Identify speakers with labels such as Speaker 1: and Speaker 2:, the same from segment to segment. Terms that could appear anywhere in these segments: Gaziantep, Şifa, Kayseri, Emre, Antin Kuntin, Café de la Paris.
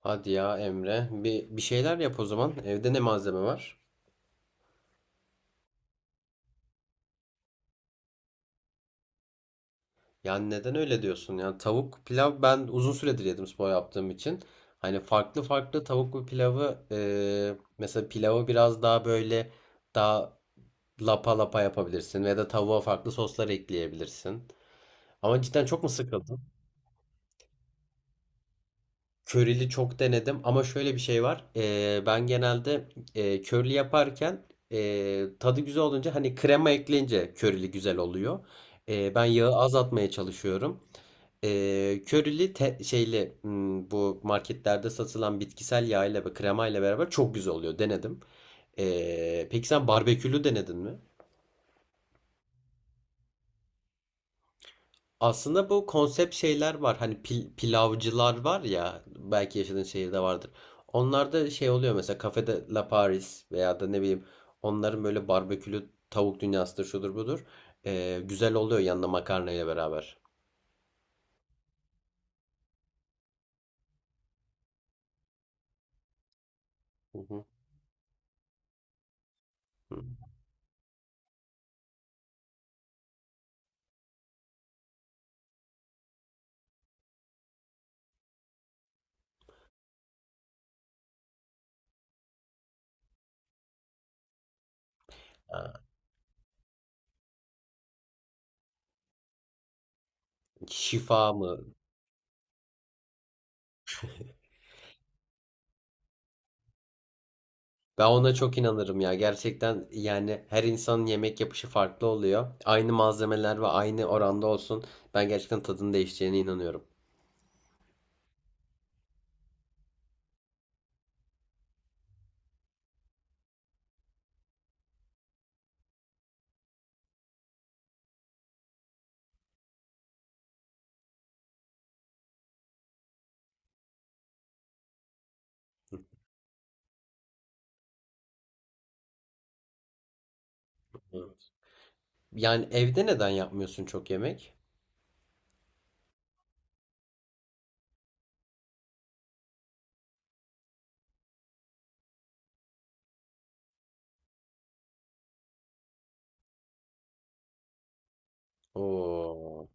Speaker 1: Hadi ya Emre. Bir şeyler yap o zaman. Evde ne malzeme var? Yani neden öyle diyorsun? Yani tavuk pilav ben uzun süredir yedim spor yaptığım için. Hani farklı farklı tavuklu pilavı mesela pilavı biraz daha böyle daha lapa lapa yapabilirsin. Ya da tavuğa farklı soslar ekleyebilirsin. Ama cidden çok mu sıkıldın? Curry'li çok denedim ama şöyle bir şey var. Ben genelde curly yaparken tadı güzel olunca hani krema ekleyince curry'li güzel oluyor. Ben yağı azaltmaya çalışıyorum. Şeyli bu marketlerde satılan bitkisel yağ ile ve krema ile beraber çok güzel oluyor. Denedim. Peki sen barbekülü denedin mi? Aslında bu konsept şeyler var. Hani pilavcılar var ya belki yaşadığın şehirde vardır. Onlarda şey oluyor, mesela Café de la Paris veya da ne bileyim onların böyle barbekülü tavuk dünyasıdır, şudur budur. Güzel oluyor yanında makarnayla beraber. Hı hı. Hı. Ha. Şifa mı? Ben ona çok inanırım ya. Gerçekten yani her insanın yemek yapışı farklı oluyor. Aynı malzemeler ve aynı oranda olsun. Ben gerçekten tadının değişeceğine inanıyorum. Evet. Yani evde neden yapmıyorsun çok yemek? Oo,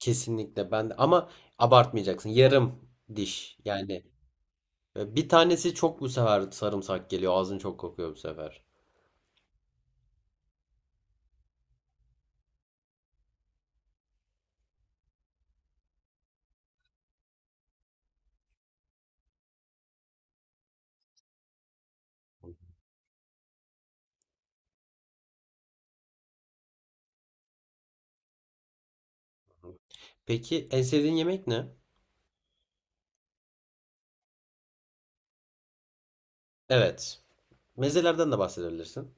Speaker 1: kesinlikle ben de, ama abartmayacaksın. Yarım diş. Yani bir tanesi çok, bu sefer sarımsak geliyor. Ağzın çok kokuyor bu sefer. Peki en sevdiğin yemek ne? Evet. Mezelerden de bahsedebilirsin.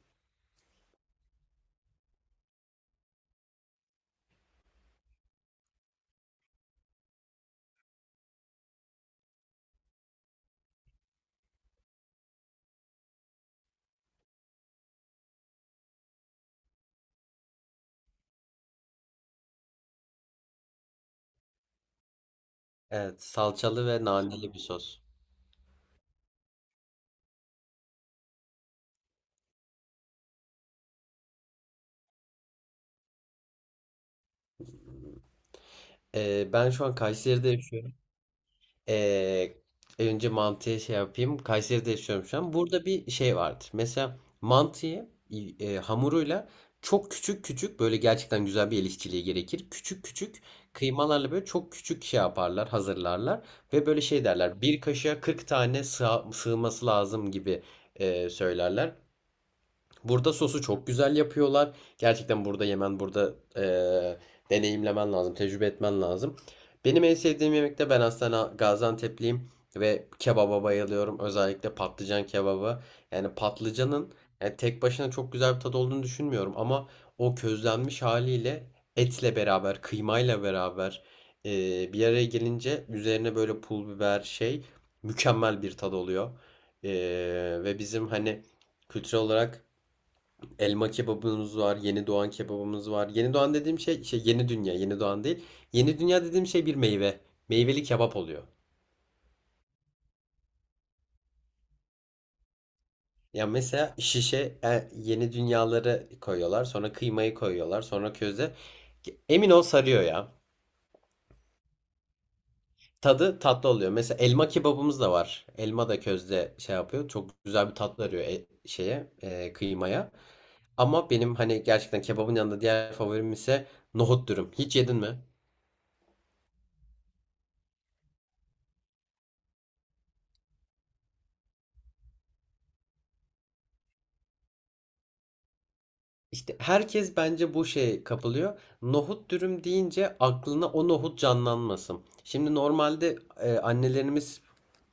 Speaker 1: Evet, salçalı ve naneli bir sos. Ben şu an Kayseri'de yaşıyorum. Ee, Önce mantıya şey yapayım. Kayseri'de yaşıyorum şu an. Burada bir şey vardır. Mesela mantıyı hamuruyla çok küçük küçük böyle gerçekten güzel bir el işçiliği gerekir. Küçük küçük kıymalarla böyle çok küçük şey yaparlar, hazırlarlar ve böyle şey derler. Bir kaşığa 40 tane sığması lazım gibi söylerler. Burada sosu çok güzel yapıyorlar. Gerçekten burada yemen, burada deneyimlemen lazım, tecrübe etmen lazım. Benim en sevdiğim yemek de, ben aslında Gaziantep'liyim ve kebaba bayılıyorum. Özellikle patlıcan kebabı. Yani patlıcanın, yani tek başına çok güzel bir tadı olduğunu düşünmüyorum ama o közlenmiş haliyle etle beraber, kıymayla beraber bir araya gelince üzerine böyle pul biber şey, mükemmel bir tad oluyor. Ve bizim hani kültürel olarak elma kebabımız var, yeni doğan kebabımız var. Yeni doğan dediğim şey, şey, yeni dünya, yeni doğan değil. Yeni dünya dediğim şey bir meyve. Meyveli kebap oluyor. Ya mesela şişe yeni dünyaları koyuyorlar, sonra kıymayı koyuyorlar, sonra köze. Emin ol sarıyor ya. Tadı tatlı oluyor. Mesela elma kebabımız da var. Elma da közde şey yapıyor. Çok güzel bir tat veriyor şeye, kıymaya. Ama benim hani gerçekten kebabın yanında diğer favorim ise nohut dürüm. Hiç yedin mi? İşte herkes bence bu şeye kapılıyor. Nohut dürüm deyince aklına o nohut canlanmasın. Şimdi normalde annelerimiz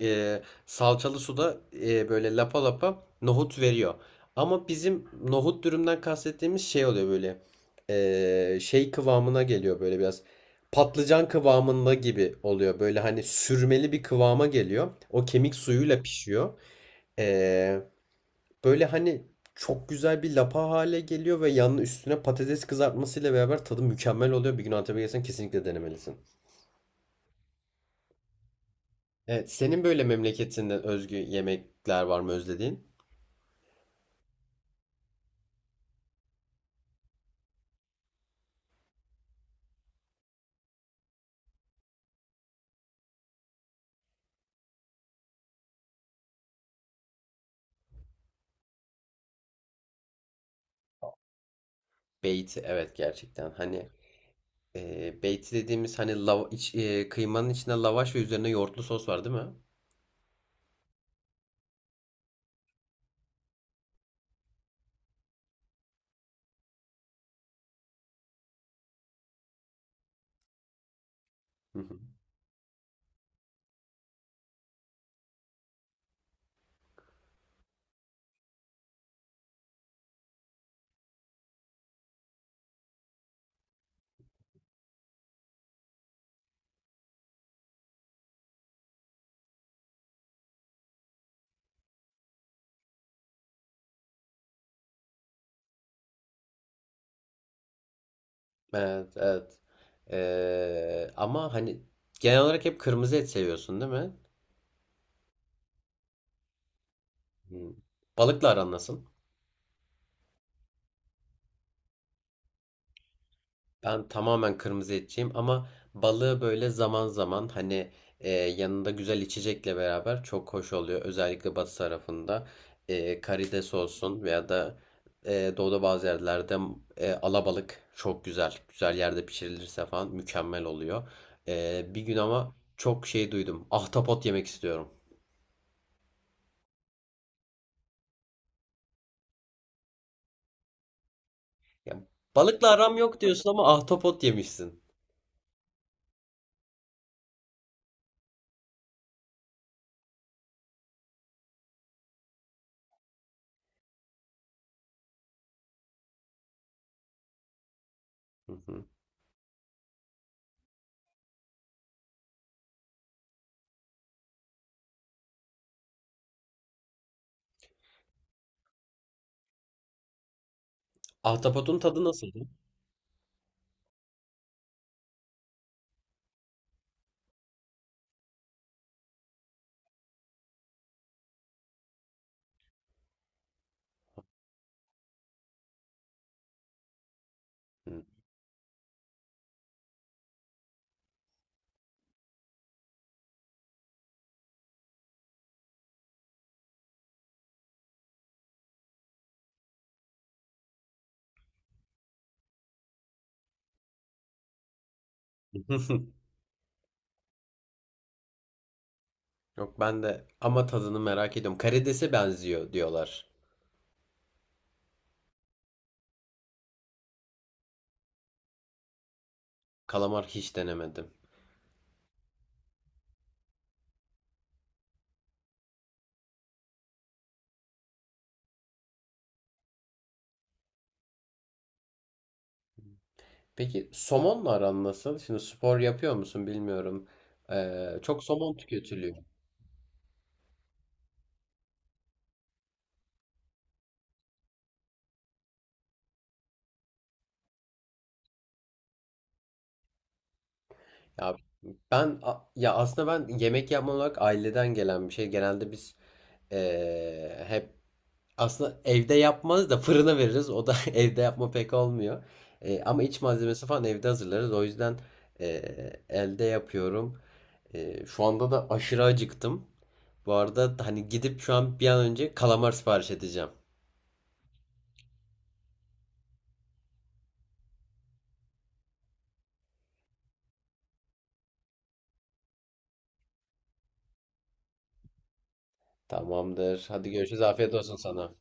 Speaker 1: salçalı suda böyle lapa lapa nohut veriyor. Ama bizim nohut dürümden kastettiğimiz şey oluyor, böyle şey kıvamına geliyor, böyle biraz patlıcan kıvamında gibi oluyor. Böyle hani sürmeli bir kıvama geliyor. O kemik suyuyla pişiyor. E, Böyle hani çok güzel bir lapa hale geliyor ve yanına üstüne patates kızartmasıyla beraber tadı mükemmel oluyor. Bir gün Antep'e gelsen kesinlikle denemelisin. Evet, senin böyle memleketinden özgü yemekler var mı özlediğin? Beyti, evet, gerçekten. Hani beyti dediğimiz, hani lava, kıymanın içinde lavaş ve üzerine yoğurtlu sos var, değil mi? Hı hı. Evet, evet. Ama hani genel olarak hep kırmızı et seviyorsun, değil mi? Hı. Balıkla aran nasıl? Ben tamamen kırmızı etçiyim ama balığı böyle zaman zaman, hani yanında güzel içecekle beraber çok hoş oluyor. Özellikle batı tarafında karides olsun veya da doğuda bazı yerlerde alabalık çok güzel. Güzel yerde pişirilirse falan mükemmel oluyor. Bir gün ama çok şey duydum. Ahtapot yemek istiyorum. Ya, balıkla aram yok diyorsun ama ahtapot yemişsin. Hı hı. Ahtapotun tadı nasıldı? Hı. Yok ben de, ama tadını merak ediyorum. Karidese benziyor diyorlar. Kalamar hiç denemedim. Peki somonla aran nasıl? Şimdi spor yapıyor musun bilmiyorum. Çok somon tüketiliyor. Ya ya aslında, ben yemek yapma olarak aileden gelen bir şey. Genelde biz hep aslında evde yapmaz da fırına veririz. O da evde yapma pek olmuyor. Ama iç malzemesi falan evde hazırlarız. O yüzden elde yapıyorum. Şu anda da aşırı acıktım. Bu arada hani gidip şu an bir an önce kalamar sipariş edeceğim. Tamamdır. Hadi görüşürüz. Afiyet olsun sana.